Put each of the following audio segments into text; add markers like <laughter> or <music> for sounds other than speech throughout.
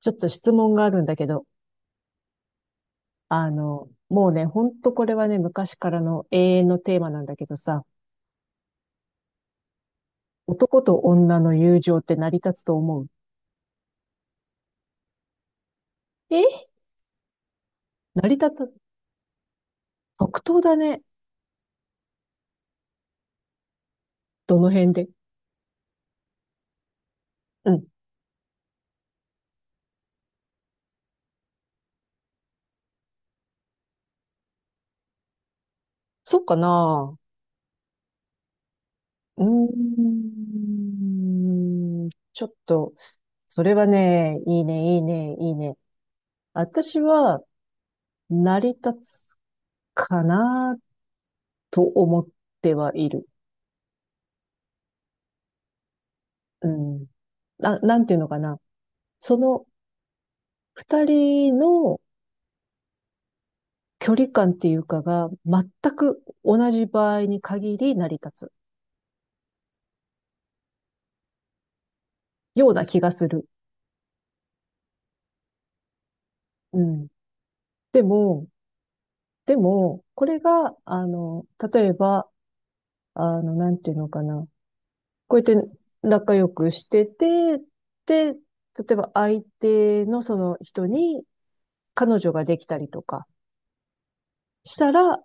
ちょっと質問があるんだけど、もうね、ほんとこれはね、昔からの永遠のテーマなんだけどさ、男と女の友情って成り立つと思う？え、成り立た、即答だね。どの辺で？うん。そっかな？うーちょっと、それはね、いいね、いいね、いいね。私は、成り立つかなと思ってはいる。うん。なんていうのかな。その二人の距離感っていうかが全く同じ場合に限り成り立つような気がする。うん。でも、でも、これが、例えば、なんていうのかな。こうやって仲良くしてて、で、例えば相手のその人に彼女ができたりとかしたら、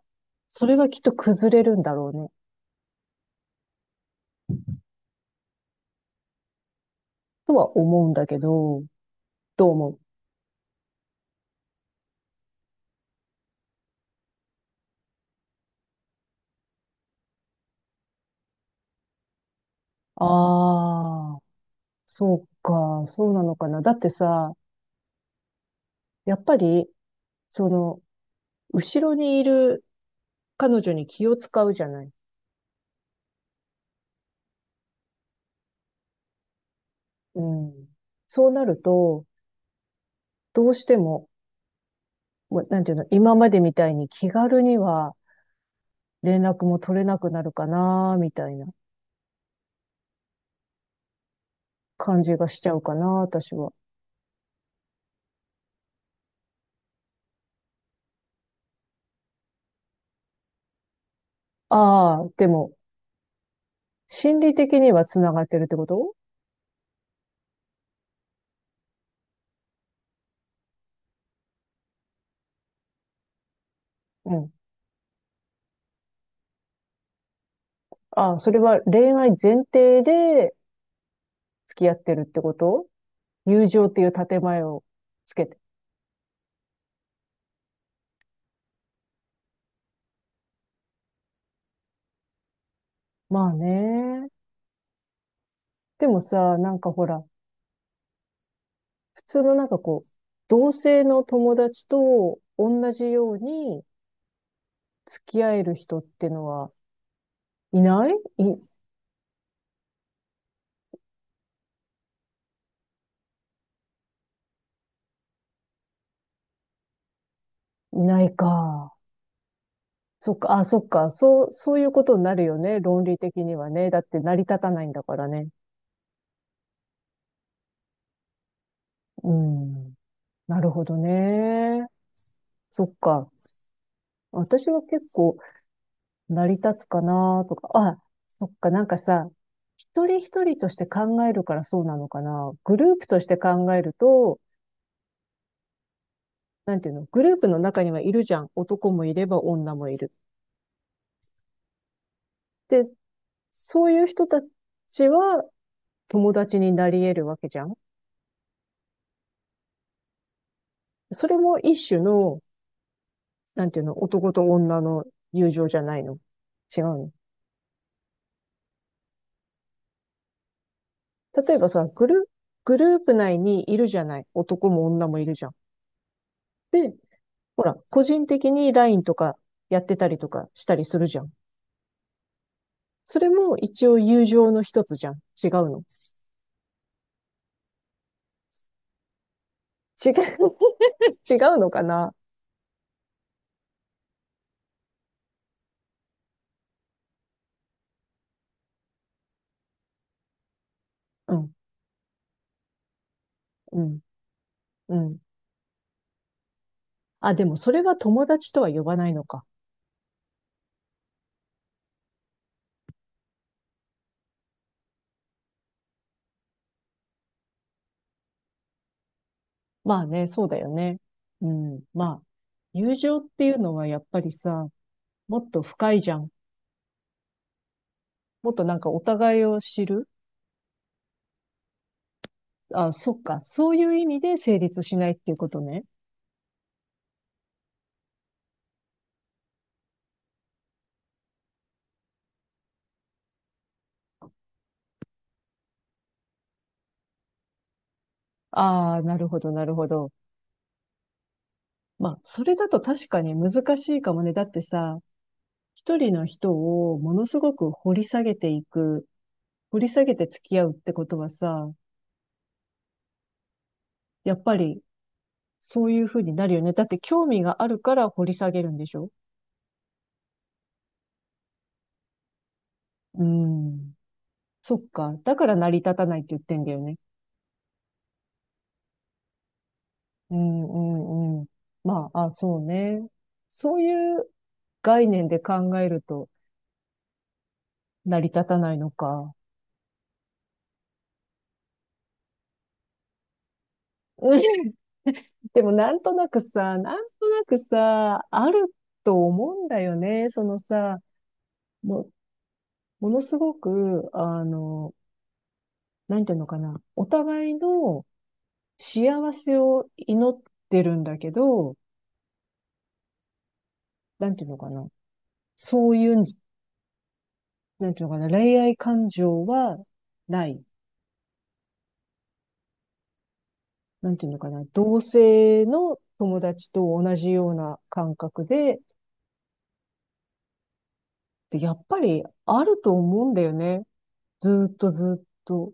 それはきっと崩れるんだろうね、とは思うんだけど、どう思う？ああー。そうか、そうなのかな。だってさ、やっぱり、その、後ろにいる彼女に気を使うじゃない。うん。そうなると、どうしても、もうなんていうの、今までみたいに気軽には連絡も取れなくなるかな、みたいな感じがしちゃうかな、私は。ああ、でも、心理的には繋がってるってこと？うん。ああ、それは恋愛前提で付き合ってるってこと？友情っていう建前をつけて。まあね。でもさ、なんかほら、普通のなんかこう、同性の友達と同じように付き合える人ってのはいない？い、いないか。そっか、あ、そっか。そう、そういうことになるよね。論理的にはね。だって成り立たないんだからね。うん。なるほどね。そっか。私は結構、成り立つかなとか、あ、そっか、なんかさ、一人一人として考えるからそうなのかな。グループとして考えると、なんていうの、グループの中にはいるじゃん。男もいれば女もいる。で、そういう人たちは友達になり得るわけじゃん。それも一種の、なんていうの、男と女の友情じゃないの。違うの。例えばさ、グループ内にいるじゃない。男も女もいるじゃん。で、ほら、個人的に LINE とかやってたりとかしたりするじゃん。それも一応友情の一つじゃん。違うの。違う、<laughs> 違うのかな？うん、うん、うん。あ、でもそれは友達とは呼ばないのか。まあね、そうだよね。うん、まあ、友情っていうのはやっぱりさ、もっと深いじゃん。もっとなんかお互いを知る。あ、そっか。そういう意味で成立しないっていうことね。ああ、なるほど、なるほど。まあ、それだと確かに難しいかもね。だってさ、一人の人をものすごく掘り下げていく、掘り下げて付き合うってことはさ、やっぱりそういうふうになるよね。だって興味があるから掘り下げるんでしょ？うん。そっか。だから成り立たないって言ってんだよね。うん、うん、うん。まあ、あ、そうね。そういう概念で考えると成り立たないのか。<laughs> うん。でもなんとなくさ、なんとなくさ、あると思うんだよね。そのさ、もうものすごく、なんていうのかな、お互いの幸せを祈ってるんだけど、なんていうのかな、そういう、なんていうのかな、恋愛感情はない。なんていうのかな、同性の友達と同じような感覚で、でやっぱりあると思うんだよね。ずーっとずーっと。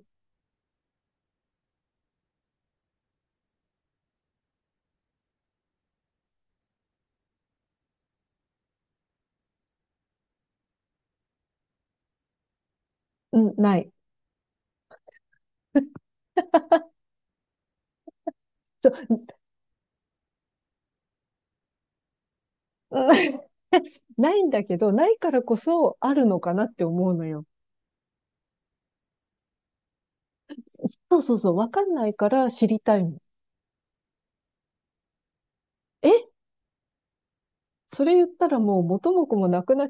うん、ない。そう、ない <laughs> ないんだけど、ないからこそあるのかなって思うのよ。そうそうそう、わかんないから知りたいの。え、それ言ったらもう元も子もなくなっ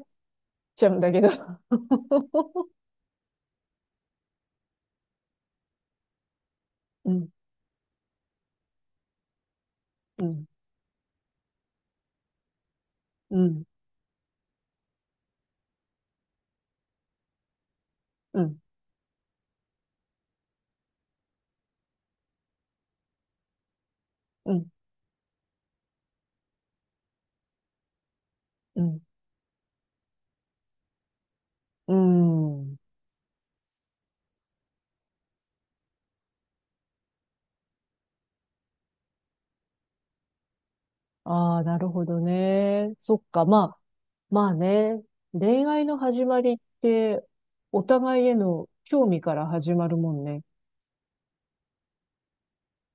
ちゃうんだけど。<laughs> うん、うん、うん、うん、うん、うん、うん。ああ、なるほどね。そっか、まあ、まあね。恋愛の始まりって、お互いへの興味から始まるもんね。っ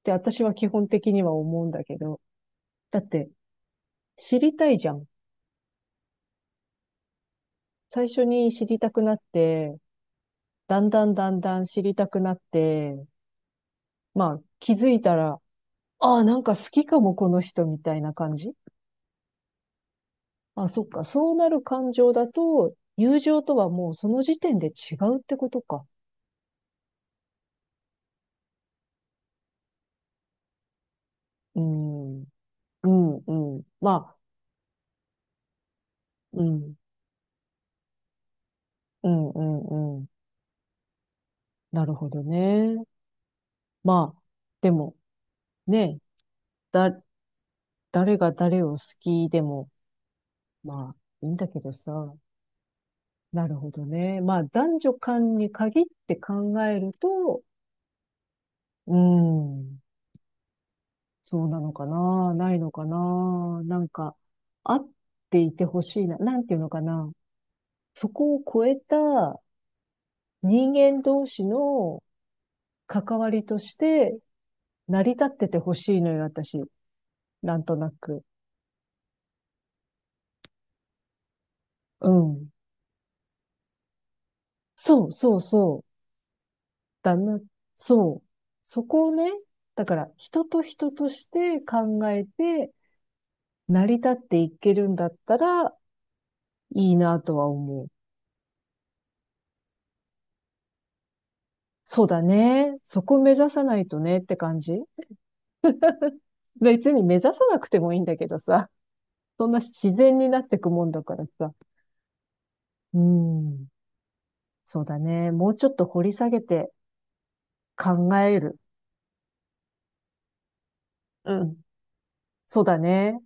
て私は基本的には思うんだけど。だって、知りたいじゃん。最初に知りたくなって、だんだんだんだん知りたくなって、まあ、気づいたら、ああ、なんか好きかも、この人みたいな感じ。あ、そっか。そうなる感情だと、友情とはもうその時点で違うってことか。うん。うん、うん。まあ、うん、うん、うん、うん。なるほどね。まあ、でも、ね、だ、誰が誰を好きでも、まあ、いいんだけどさ。なるほどね。まあ、男女間に限って考えると、うん。そうなのかな、ないのかな、なんか、あっていてほしいな、なんていうのかな、そこを超えた人間同士の関わりとして成り立っててほしいのよ、私。なんとなく。うん。そうそうそう。だな、そう。そこをね、だから人と人として考えて成り立っていけるんだったらいいなとは思う。そうだね。そこ目指さないとねって感じ。別に目指さなくてもいいんだけどさ、そんな自然になってくもんだからさ。うん。そうだね。もうちょっと掘り下げて考える。うん。そうだね。